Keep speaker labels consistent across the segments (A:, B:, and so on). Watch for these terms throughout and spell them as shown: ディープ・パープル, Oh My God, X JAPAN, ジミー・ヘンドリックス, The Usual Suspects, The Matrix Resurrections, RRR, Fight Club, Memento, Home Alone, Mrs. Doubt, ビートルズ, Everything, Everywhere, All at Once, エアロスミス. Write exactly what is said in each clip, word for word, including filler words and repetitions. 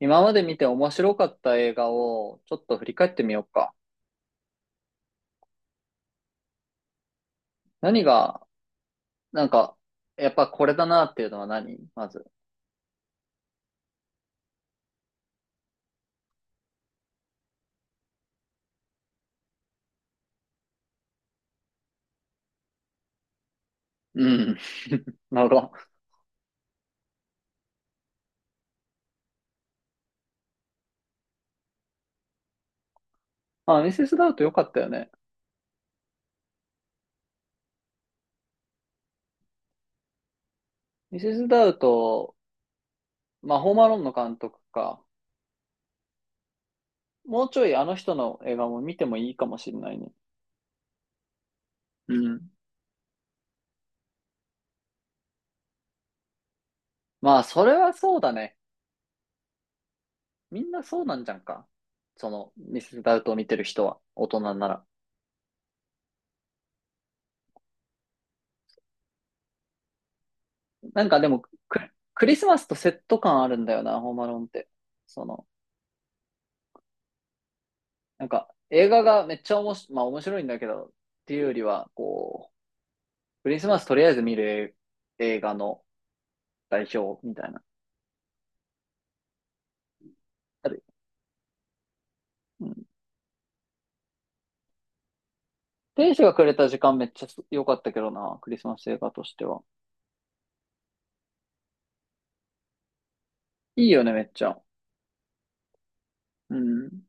A: 今まで見て面白かった映画をちょっと振り返ってみようか。何が、なんか、やっぱこれだなっていうのは何まず。うん。なるほど。あ、ミセス・ダウト良かったよね。ミセス・ダウト、まあ、ホームアローンの監督か。もうちょいあの人の映画も見てもいいかもしれないね。うん。まあ、それはそうだね。みんなそうなんじゃんか。その、ミセス・ダウトを見てる人は、大人なら。なんかでも、ク、クリスマスとセット感あるんだよな、ホームアローンって。その、なんか、映画がめっちゃおもし、まあ面白いんだけど、っていうよりは、こう、クリスマスとりあえず見る映画の代表みたいな。あるうん。天使がくれた時間めっちゃ良かったけどな、クリスマス映画としては。いいよね、めっちゃ。うん。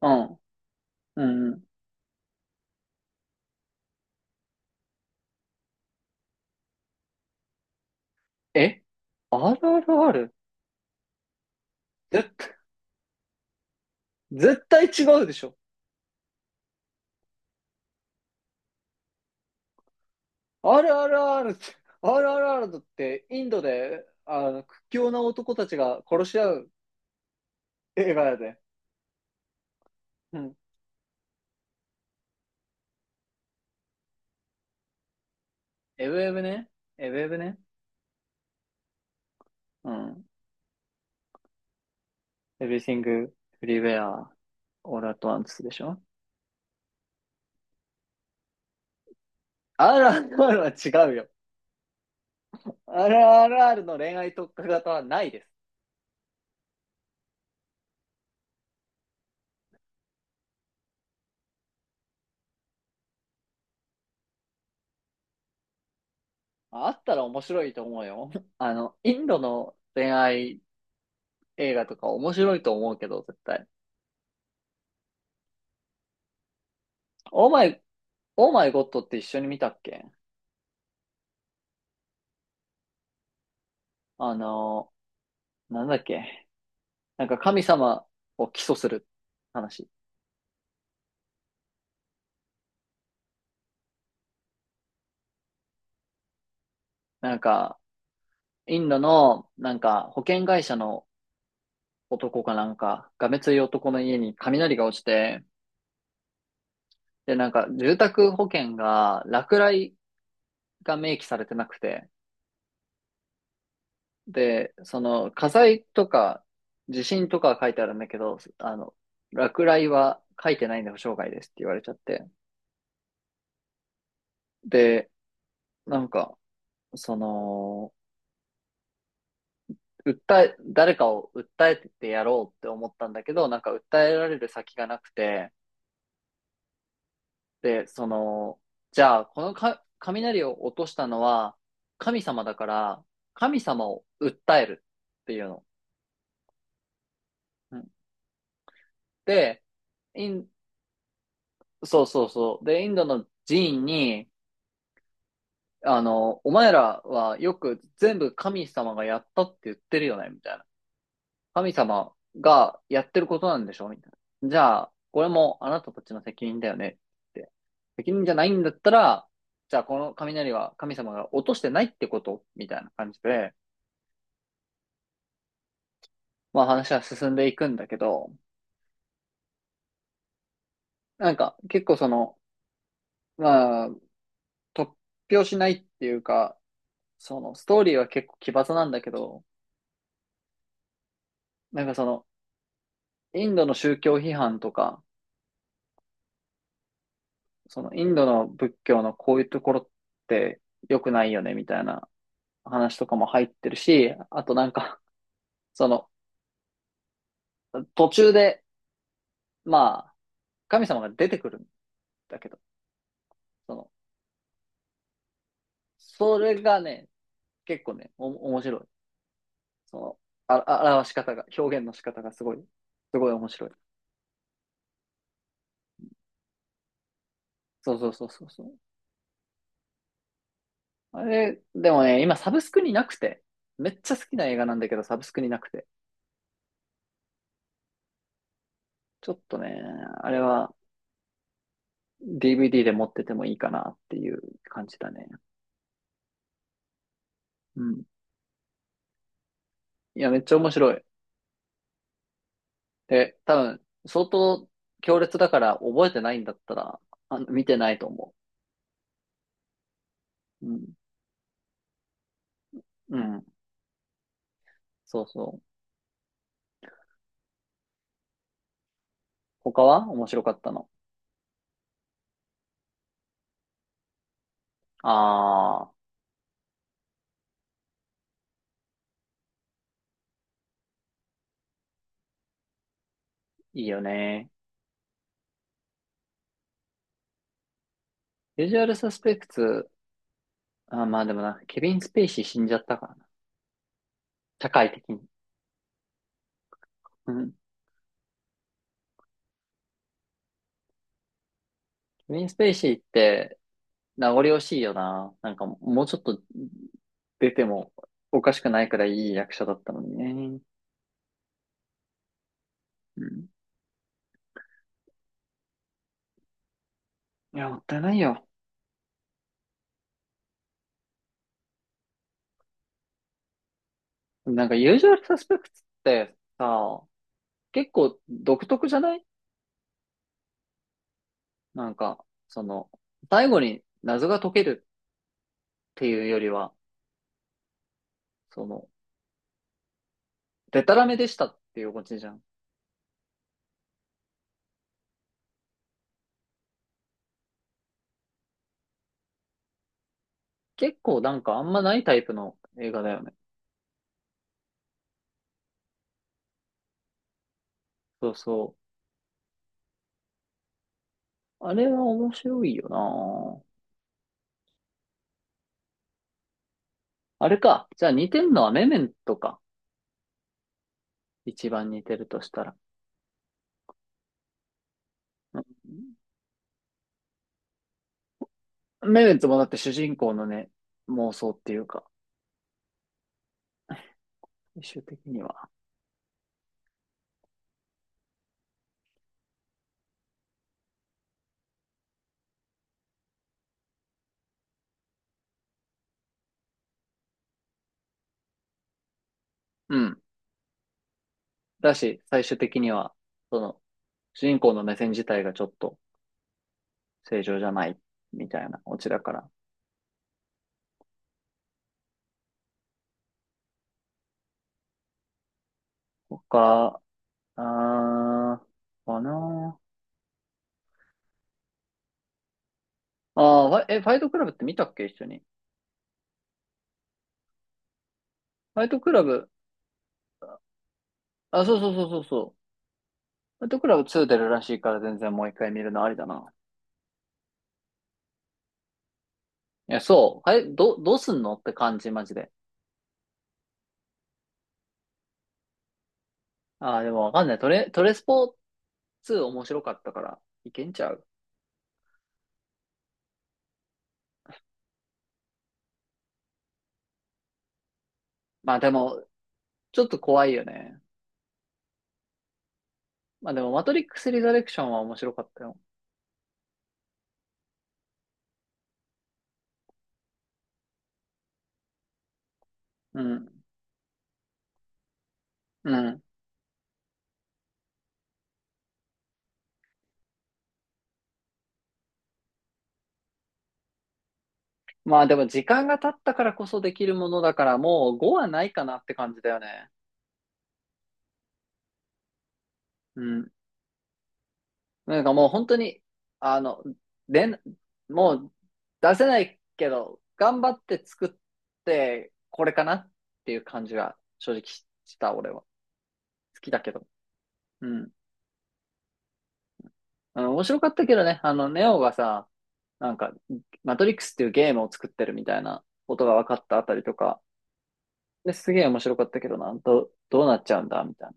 A: うん。うん。え？ アールアールアール？ 絶対、絶対違うでしょ。るあるって、あるあだってインドで、あの、屈強な男たちが殺し合う映画やで。うん。エブエブね。エブエブね。うん。Everything, Everywhere, All at Once でしょ？ アールアールアール は違うよ。アールアールアール の恋愛特化型はないです。あったら面白いと思うよ。あの、インドの恋愛映画とか面白いと思うけど、絶対。オーマイ、オーマイゴッドって一緒に見たっけ。あの、なんだっけ、なんか神様を起訴する話。なんか、インドの、なんか保険会社の男かなんか、がめつい男の家に雷が落ちて、で、なんか、住宅保険が落雷が明記されてなくて、で、その、火災とか地震とかは書いてあるんだけど、あの、落雷は書いてないんで保証外ですって言われちゃって、で、なんか、その、訴え、誰かを訴えてやろうって思ったんだけど、なんか訴えられる先がなくて、で、その、じゃあ、このか雷を落としたのは神様だから、神様を訴えるっていうの。で、イン、そうそうそう。で、インドの寺院に、あの、お前らはよく全部神様がやったって言ってるよね、みたいな。神様がやってることなんでしょみたいな。じゃあ、これもあなたたちの責任だよねって。責任じゃないんだったら、じゃあこの雷は神様が落としてないってことみたいな感じで、まあ話は進んでいくんだけど、なんか結構その、まあ、突拍子ないっていうか、そのストーリーは結構奇抜なんだけど、なんかその、インドの宗教批判とか、そのインドの仏教のこういうところって良くないよねみたいな話とかも入ってるし、あとなんか、その途中で、まあ、神様が出てくるんだけど、その、それがね、結構ね、お、面白い。その、あ、あ表し方が、表現の仕方がすごい、すごい面白い。そうそうそうそうそう。あれ、でもね、今サブスクになくて、めっちゃ好きな映画なんだけど、サブスクになくて。ちょっとね、あれは ディーブイディー で持っててもいいかなっていう感じだね。うん。いや、めっちゃ面白い。で、多分、相当強烈だから覚えてないんだったら、あの、見てないと思う。うん。うん。そうそう。他は面白かったの。ああ、いいよね。ビジュアルサスペクツ、あ、まあでもな、ケビン・スペイシー死んじゃったからな。社会的に。うん。ケビン・スペイシーって名残惜しいよな。なんかもうちょっと出てもおかしくないくらいいい役者だったのにね。うん。いや、もったいないよ。なんかユージュアルサスペクツってさ、結構独特じゃない？なんか、その、最後に謎が解けるっていうよりは、その、デタラメでしたっていうオチじゃん。結構なんかあんまないタイプの映画だよね。そうそう。あれは面白いよな。あれか。じゃあ似てんのはメメントか。一番似てるとしたら。うん。メメントもだって主人公のね、妄想っていうか、最終的には。うん。だし、最終的には、その、主人公の目線自体がちょっと正常じゃない、みたいなオチだから。他、あー、かな。ああー、ファイえ、ファイトクラブって見たっけ、一緒に。ファイトクラブ、あ、そうそうそうそうそう。ファイトクラブツー出るらしいから全然もういっかい見るのありだな。いや、そう。あれ、ど、どうすんのって感じ、マジで。ああ、でもわかんない。トレ、トレスポツー面白かったから、いけんちゃう。まあでも、ちょっと怖いよね。まあでも、マトリックスリザレクションは面白かったよ。うん。うん。まあでも、時間が経ったからこそできるものだから、もうごはないかなって感じだよね。うん。なんかもう本当に、あの、でん、もう出せないけど、頑張って作って、これかなっていう感じが正直した、俺は。好きだけど。うん。あの、面白かったけどね、あの、ネオがさ、なんか、マトリックスっていうゲームを作ってるみたいなことが分かったあたりとか、ですげえ面白かったけどな、ど、どうなっちゃうんだ、みたい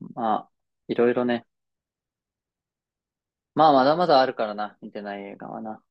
A: な。まあ、いろいろね。まあ、まだまだあるからな、見てない映画はな。